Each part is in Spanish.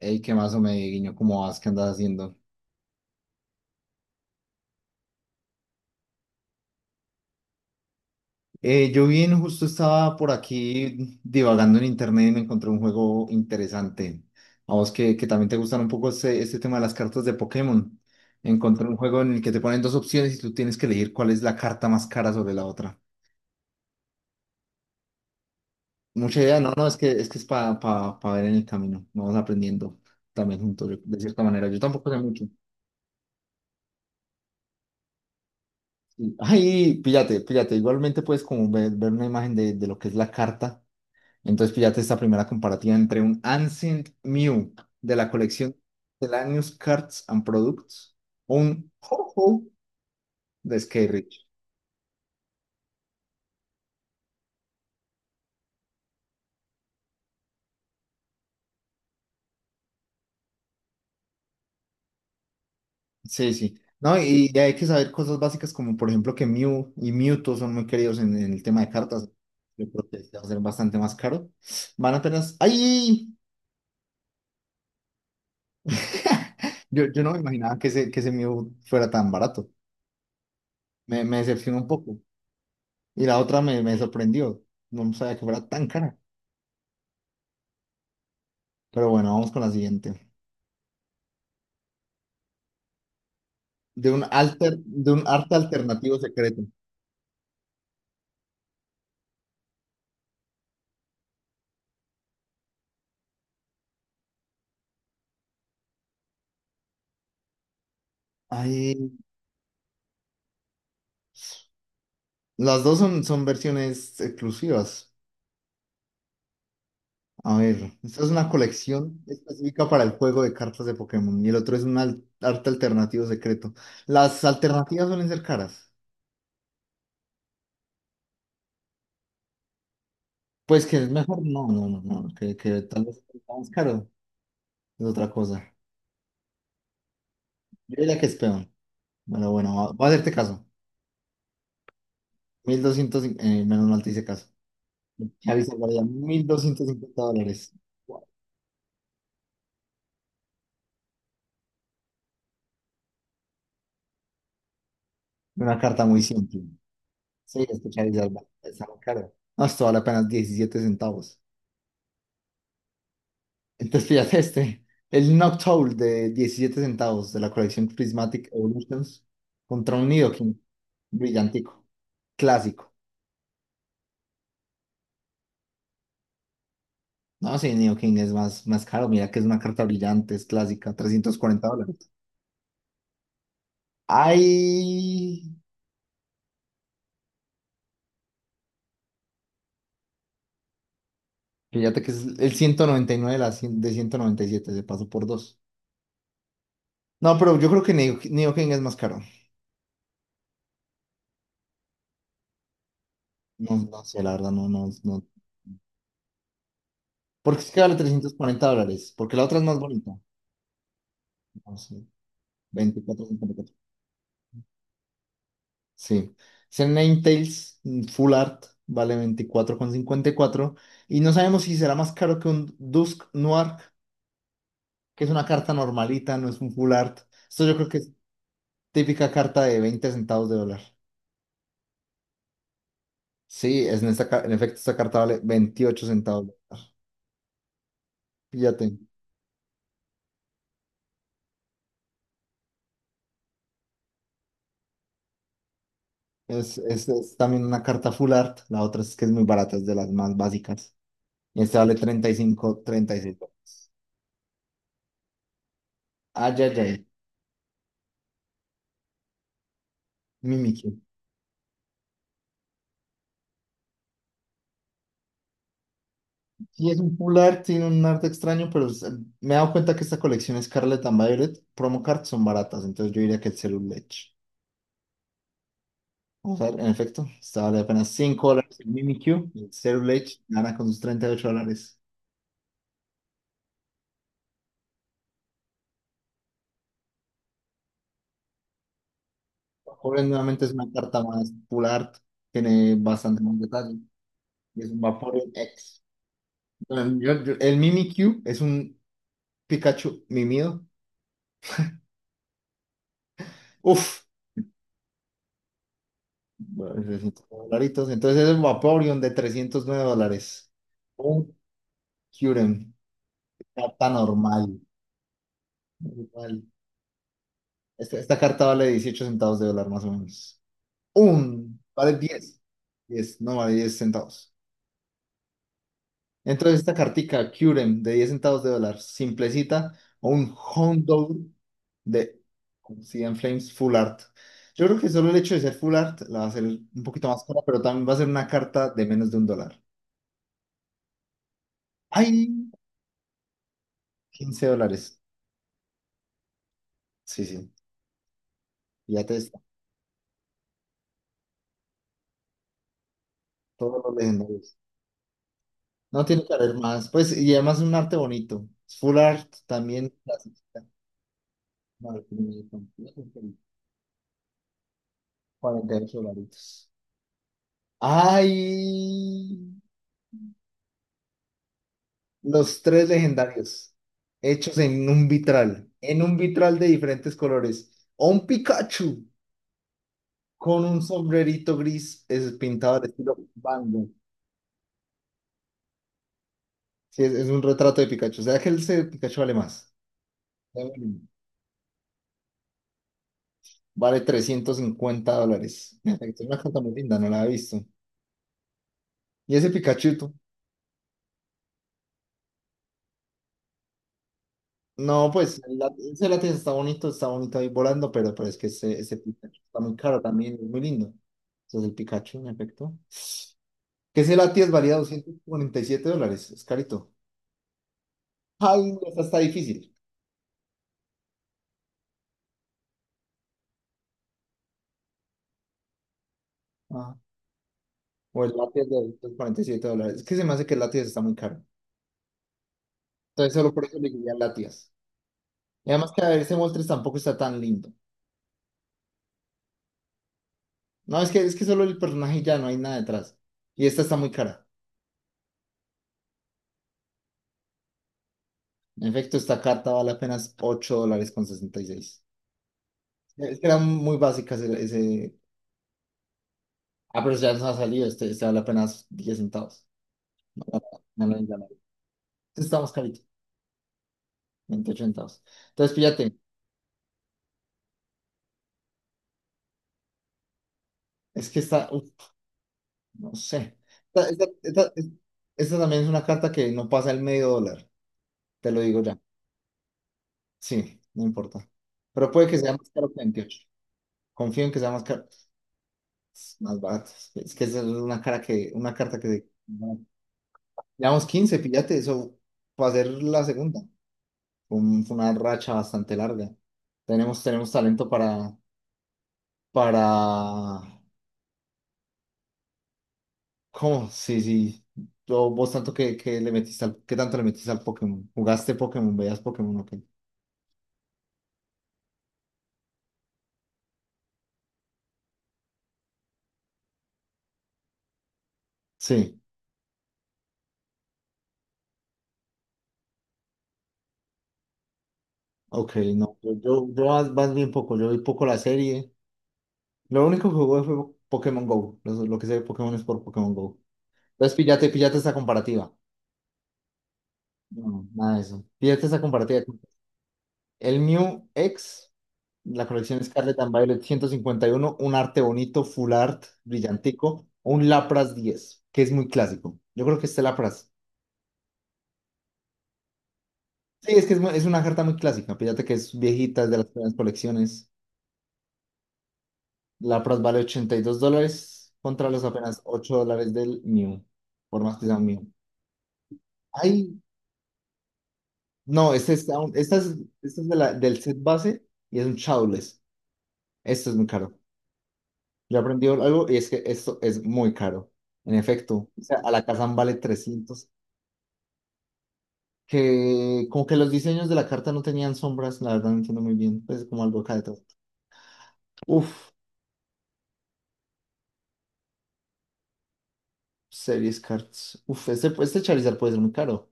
Ey, ¿qué más me guiño? ¿Cómo vas? ¿Qué andas haciendo? Yo bien, justo estaba por aquí divagando en internet y me encontré un juego interesante. A vos que también te gustan un poco este tema de las cartas de Pokémon. Encontré un juego en el que te ponen dos opciones y tú tienes que elegir cuál es la carta más cara sobre la otra. Mucha idea, no, no, es que es para ver en el camino. Vamos aprendiendo también juntos, de cierta manera. Yo tampoco sé mucho. Ay, píllate, píllate. Igualmente puedes como ver una imagen de lo que es la carta. Entonces, píllate esta primera comparativa entre un Ancient Mew de la colección Miscellaneous Cards and Products, un Ho-Ho de Skyreach. Sí, sí. No, y ya hay que saber cosas básicas como, por ejemplo, que Mew y Mewtwo son muy queridos en el tema de cartas. Yo creo que va a ser bastante más caro. Van apenas. ¡Ay! Yo no me imaginaba que que ese Mew fuera tan barato. Me decepcionó un poco. Y la otra me sorprendió. No sabía que fuera tan cara. Pero bueno, vamos con la siguiente. De un arte alternativo secreto. Ahí, las dos son versiones exclusivas. A ver, esta es una colección específica para el juego de cartas de Pokémon y el otro es un arte alternativo secreto. Las alternativas suelen ser caras. Pues que es mejor, no, no, no, no, que tal vez está más caro es otra cosa. Yo diría que es peón. Bueno, bueno, voy a hacerte caso. 1200, menos mal te hice caso. Chavis guardia, $1,250. Una carta muy simple. Sí, escuchar y salva. Está muy caro. No, esto vale apenas 17 centavos. Entonces, fíjate este. El Noctowl de 17 centavos de la colección Prismatic Evolutions contra un Nidoking. Brillantico. Clásico. No, sí, Nidoking es más caro. Mira que es una carta brillante, es clásica. $340. Ay. Fíjate que es el 199 de 197. Se pasó por dos. No, pero yo creo que Nidoking es más caro. No, no sé, la verdad, no, no, no. Porque es que vale $340, porque la otra es más bonita. No sé, 24,54. Sí. Ese Ninetales Full Art vale 24,54 y no sabemos si será más caro que un Dusk Noir, que es una carta normalita, no es un Full Art. Esto yo creo que es típica carta de 20 centavos de dólar. Sí, es en, esta ca- en efecto esta carta vale 28 centavos de dólar. Fíjate, es también una carta Full Art, la otra es que es muy barata, es de las más básicas. Y esta vale treinta treinta y cinco treinta y seis. Ayayay, Mimikyu. Y es un full art, tiene un arte extraño, pero me he dado cuenta que esta colección Scarlet and Violet promo cards son baratas, entonces yo diría que el Cerulege. Vamos a ver, en efecto, está vale apenas $5 el Mimikyu, y el Cerulege gana con sus $38. Vaporeon nuevamente es una carta más full art, tiene bastante más detalle, y es un Vaporeon X. Bueno, el Mimikyu es un Pikachu mimido. Uf, bueno, 300 dolaritos. Entonces es un Vaporeon de $309. Un Kyurem. Carta normal. Normal. Esta carta vale 18 centavos de dólar más o menos. Un. Vale diez. No vale 10 centavos. Entonces esta cartica Kyurem de 10 centavos de dólar. Simplecita. O un Houndour de Sea and Flames Full Art. Yo creo que solo el hecho de ser Full Art la va a hacer un poquito más cara, pero también va a ser una carta de menos de un dólar. ¡Ay! $15. Sí, sí. Ya te está. Todos los legendarios. No tiene que haber más. Pues, y además es un arte bonito. Es Full art también. Clasicista. No, lo tiene con 48 dolaritos. ¡Ay! Los tres legendarios. Hechos en un vitral. En un vitral de diferentes colores. O un Pikachu con un sombrerito gris es pintado de estilo Van Gogh. Sí, es un retrato de Pikachu. O sea que Pikachu vale más. Vale $350. Mira, es una carta muy linda, no la he visto. ¿Y ese Pikachu? No, pues ese látigo está bonito ahí volando, pero es que ese Pikachu está muy caro también, es muy lindo. Entonces el Pikachu, en efecto. Que ese látigo valía $247, es carito. Ay, no, esa está difícil. Ah, o el látigo de $247. Es que se me hace que el látigo está muy caro. Entonces solo por eso le diría látigas. Y además que a ver, ese Moltres tampoco está tan lindo. No, es que solo el personaje y ya no hay nada detrás. Y esta está muy cara. En efecto, esta carta vale apenas $8 con 66. Es que eran muy básicas ese. Ah, pero ya nos ha salido. Este vale apenas 10 centavos. No, no, no, no, no. No. Este está más carito. 28 centavos. Entonces, fíjate. Es que esta, uf, no sé. Esta, esta- esta- es- esta también es una carta que no pasa el medio dólar. Te lo digo ya. Sí, no importa. Pero puede que sea más caro que veintiocho. Confío en que sea más caro. Más baratas. Es que esa es una una carta que no. Llevamos 15, píllate, eso va a ser la segunda. Fue una racha bastante larga. Tenemos talento para, para, ¿cómo? Sí, sí. Vos tanto que ¿qué tanto le metiste al Pokémon? ¿Jugaste Pokémon? ¿Veías Pokémon? Ok. Sí, ok, no. Yo más bien poco, yo vi poco la serie. Lo único que jugué fue Pokémon Go. Lo que sé de Pokémon es por Pokémon Go. Entonces, píllate, píllate esta comparativa. No, nada de eso. Fíjate esa compartida. El Mew X, la colección Scarlet and Violet 151, un arte bonito, full art, brillantico, o un Lapras 10 que es muy clásico. Yo creo que este Lapras. Sí, es que es una carta muy clásica. Fíjate que es viejita, es de las primeras colecciones. Lapras vale $82 contra los apenas $8 del Mew, por más que sea un Mew. Ay, no, esta es, esta es del set base y es un Shadowless. Esto es muy caro. Yo aprendí algo y es que esto es muy caro. En efecto, o sea, a la casa vale trescientos. Que como que los diseños de la carta no tenían sombras, la verdad no entiendo muy bien. Pues como algo acá detrás. Uf, series cards. Uf, este Charizard puede ser muy caro.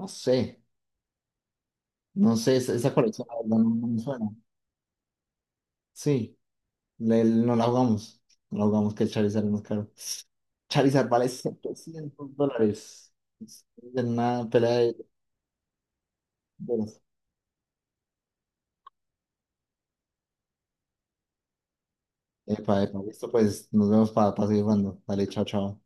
No sé, no sé, esa colección la verdad no, no me suena. Sí, no la jugamos. No la jugamos que el Charizard es más caro. Charizard vale $700. Es de una pelea de. Epa, epa, listo, pues nos vemos para seguir jugando. Dale, chao, chao.